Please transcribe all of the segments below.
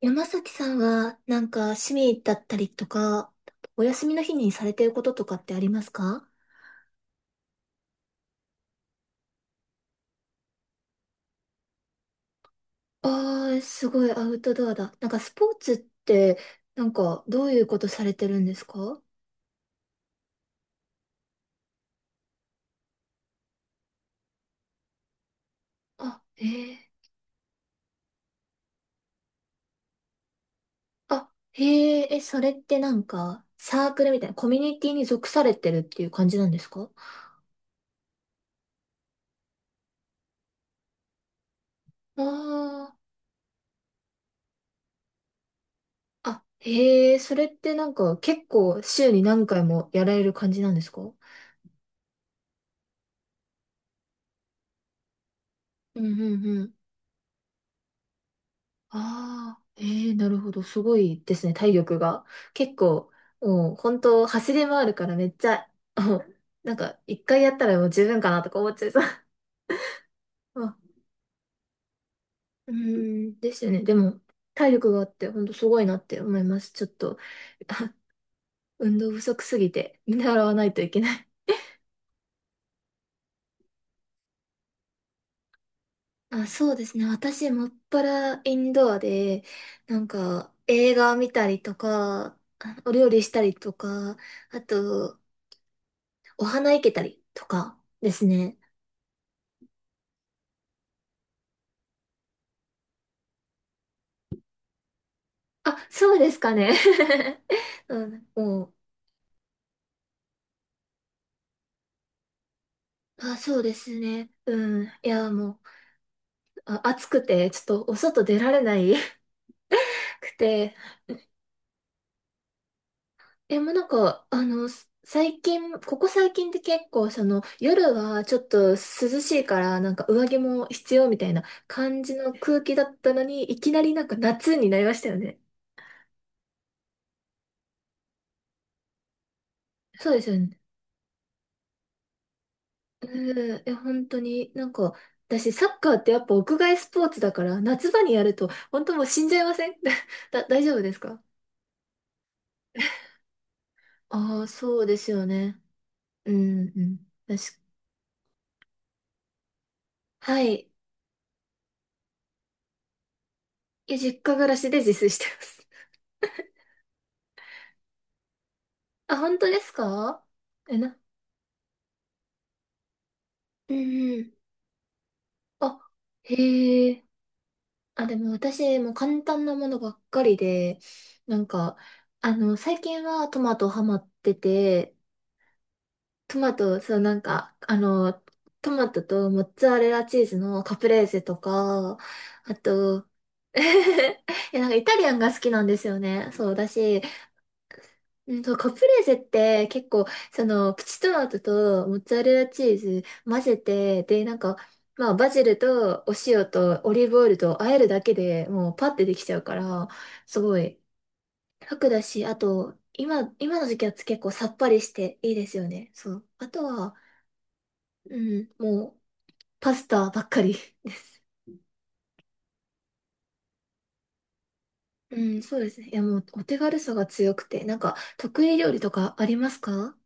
山崎さんは、趣味だったりとか、お休みの日にされてることとかってありますか？ああー、すごいアウトドアだ。スポーツって、どういうことされてるんですか？あ、へえ。あ、へえ、え、それってなんか、サークルみたいな、コミュニティに属されてるっていう感じなんですか？ああー、あ、へえ、それってなんか、結構、週に何回もやられる感じなんですか？うんうん。ああ、ええ、なるほど。すごいですね、体力が。結構、もう本当走り回るからめっちゃ、もうなんか一回やったらもう十分かなとか思っちゃいそう。あ、うーん、ですよね。でも、体力があって本当すごいなって思います。ちょっと、あ、運動不足すぎて見習わないといけない。あ、そうですね。私、もっぱらインドアで、なんか映画見たりとか、あ、お料理したりとか、あと、お花いけたりとかですね。あ、そうですかね。うん、もう、あ、そうですね。うん。いや、もう、あ、暑くて、ちょっとお外出られない くて。え、もうなんか、最近、ここ最近って結構、その、夜はちょっと涼しいから、なんか上着も必要みたいな感じの空気だったのに、いきなりなんか夏になりましたよね。そうですよね。うん、え、本当に、なんか、私、サッカーってやっぱ屋外スポーツだから、夏場にやると、本当もう死んじゃいません？ だ、大丈夫ですか？ああ、そうですよね。うん、うん。確か、はい。いや、実家暮らしで自炊してます。あ、本当ですか？え、な、うんうん。あ、へえ。あ、でも私、もう簡単なものばっかりで、なんか、あの、最近はトマトハマってて、トマト、そう、なんか、あの、トマトとモッツァレラチーズのカプレーゼとか、あと、いや、なんかイタリアンが好きなんですよね。そうだし、うんと、カプレーゼって結構、その、プチトマトとモッツァレラチーズ混ぜて、で、なんか、まあ、バジルとお塩とオリーブオイルと和えるだけでもうパッてできちゃうから、すごい楽だし、あと、今、今の時期は結構さっぱりしていいですよね。そう。あとは、うん、もう、パスタばっかりです。うん、そうですね。いや、もう、お手軽さが強くて、なんか、得意料理とかありますか？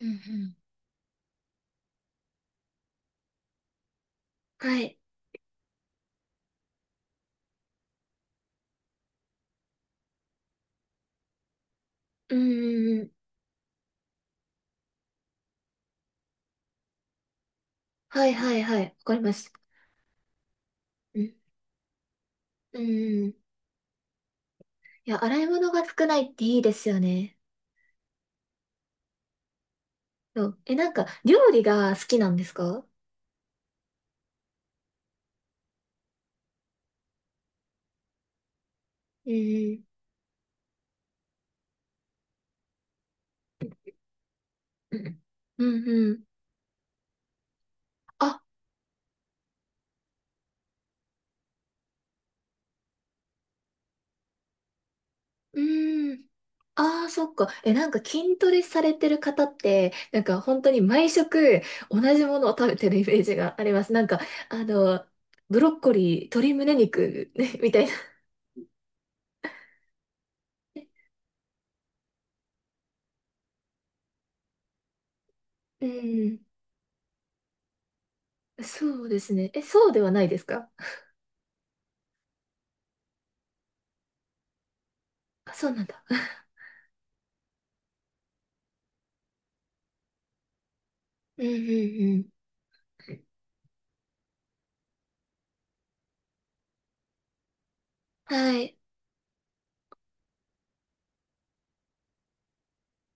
うんうん。はい。うんうんうん。はいはいはい。わかりました。うん。うんうん。いや、洗い物が少ないっていいですよね。そう。え、なんか、料理が好きなんですか？うんうん。うんうん。あ、うん。ああ、そっか。え、なんか筋トレされてる方って、なんか本当に毎食同じものを食べてるイメージがあります。なんか、あの、ブロッコリー、鶏胸肉、ね、みたいな。うん。そうですね。え、そうではないですか？ あ、そうなんだ。うんうんうん。はい。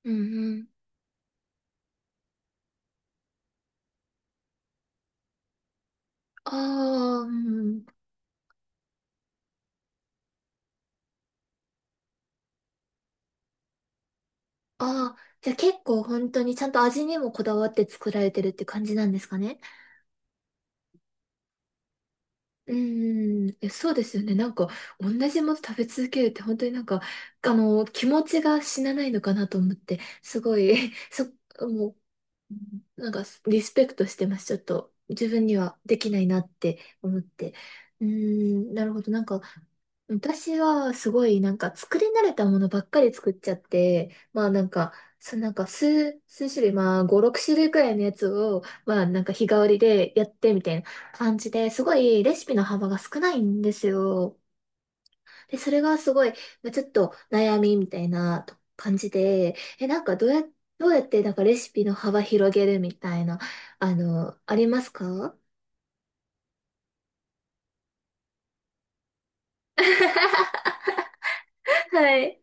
うんうん。ああ、うん。ああ、じゃあ結構本当にちゃんと味にもこだわって作られてるって感じなんですかね？うーん、え、そうですよね。なんか、同じもの食べ続けるって本当になんか、あの、気持ちが死なないのかなと思って、すごい、そ、もうなんかリスペクトしてます。ちょっと自分にはできないなって思って。うーん、なるほど。なんか私はすごいなんか作り慣れたものばっかり作っちゃって、まあなんか、数種類、まあ5、6種類くらいのやつを、まあなんか日替わりでやってみたいな感じですごいレシピの幅が少ないんですよ。で、それがすごい、まあ、ちょっと悩みみたいなと感じで、え、どうやってなんかレシピの幅広げるみたいな、あの、ありますか？ はい。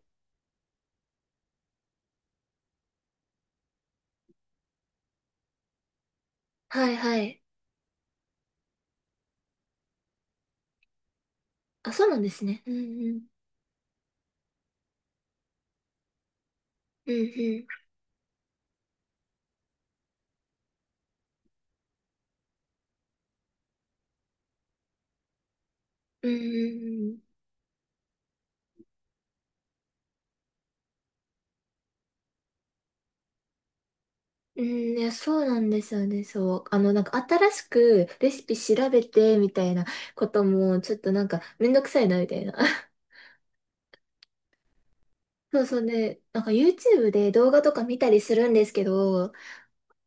はいはい。あ、そうなんですね。うんうん。うんうん。うんうんうん。うん、いや、そうなんですよね。そう。あの、なんか新しくレシピ調べてみたいなことも、ちょっとなんかめんどくさいなみたいな。そうそうね。なんか YouTube で動画とか見たりするんですけど、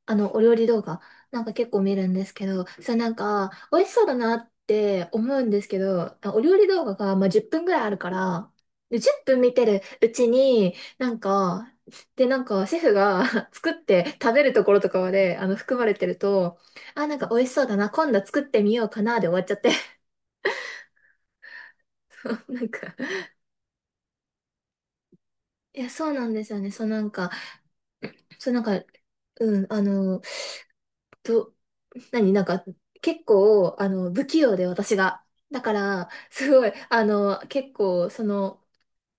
あの、お料理動画なんか結構見るんですけど、それなんか、美味しそうだなって思うんですけど、お料理動画がまあ10分ぐらいあるから、で、10分見てるうちに、なんか、で、なんか、シェフが 作って食べるところとかまで、あの、含まれてると、あ、なんか美味しそうだな、今度作ってみようかな、で終わっちゃって。なんか、いや、そうなんですよね。そうなんか、そうなんか、うん、あの、と、何、なんか、結構、あの、不器用で私が。だから、すごい、あの、結構、その、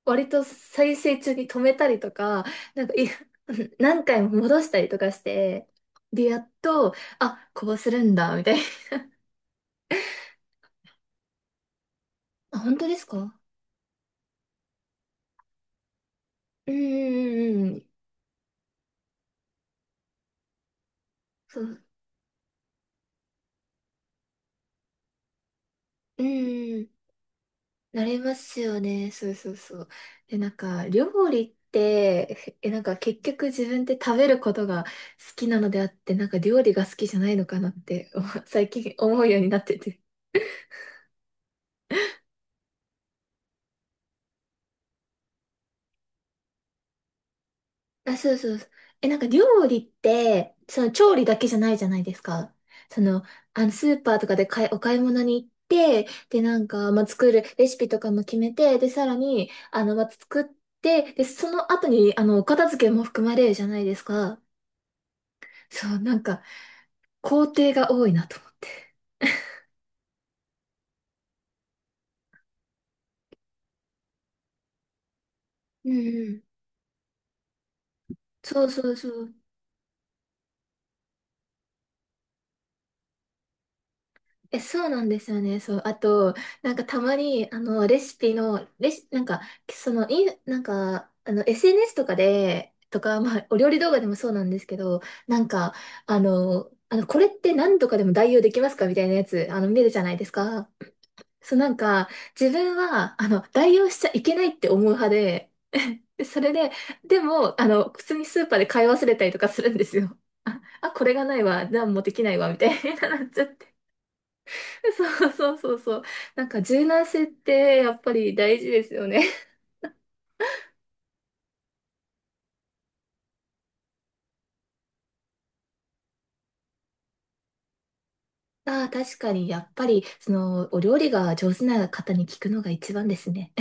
割と再生中に止めたりとか、なんか、い 何回も戻したりとかして、で、やっと、あ、こうするんだ、みたいな。あ、本当ですか？うんうんうんうん。そう。うんうん。なりますよね。そうそうそう。で、なんか、料理って、え、なんか結局自分って食べることが好きなのであって、なんか料理が好きじゃないのかなって、お最近思うようになってて。あ、そうそうそう。え、なんか料理って、その調理だけじゃないじゃないですか。その、あの、スーパーとかで買い、お買い物に行って、で、なんか、まあ、作るレシピとかも決めて、で、さらに、あの、まあ、作って、で、その後に、あの、お片付けも含まれるじゃないですか。そう、なんか、工程が多いなと思って。うんうん。そうそうそう。え、そうなんですよね。そう。あと、なんかたまに、あの、レシピの、レシ、なんか、その、い、なんか、あの、SNS とかで、とか、まあ、お料理動画でもそうなんですけど、なんか、あの、これって何とかでも代用できますかみたいなやつ、あの、見るじゃないですか。そう、なんか、自分は、あの、代用しちゃいけないって思う派で、で、それで、でも、あの、普通にスーパーで買い忘れたりとかするんですよ。あ、あ、これがないわ、何もできないわ、みたいななっちゃって。そうそうそうそう。なんか柔軟性ってやっぱり大事ですよね。ああ、確かに、やっぱり、その、お料理が上手な方に聞くのが一番ですね。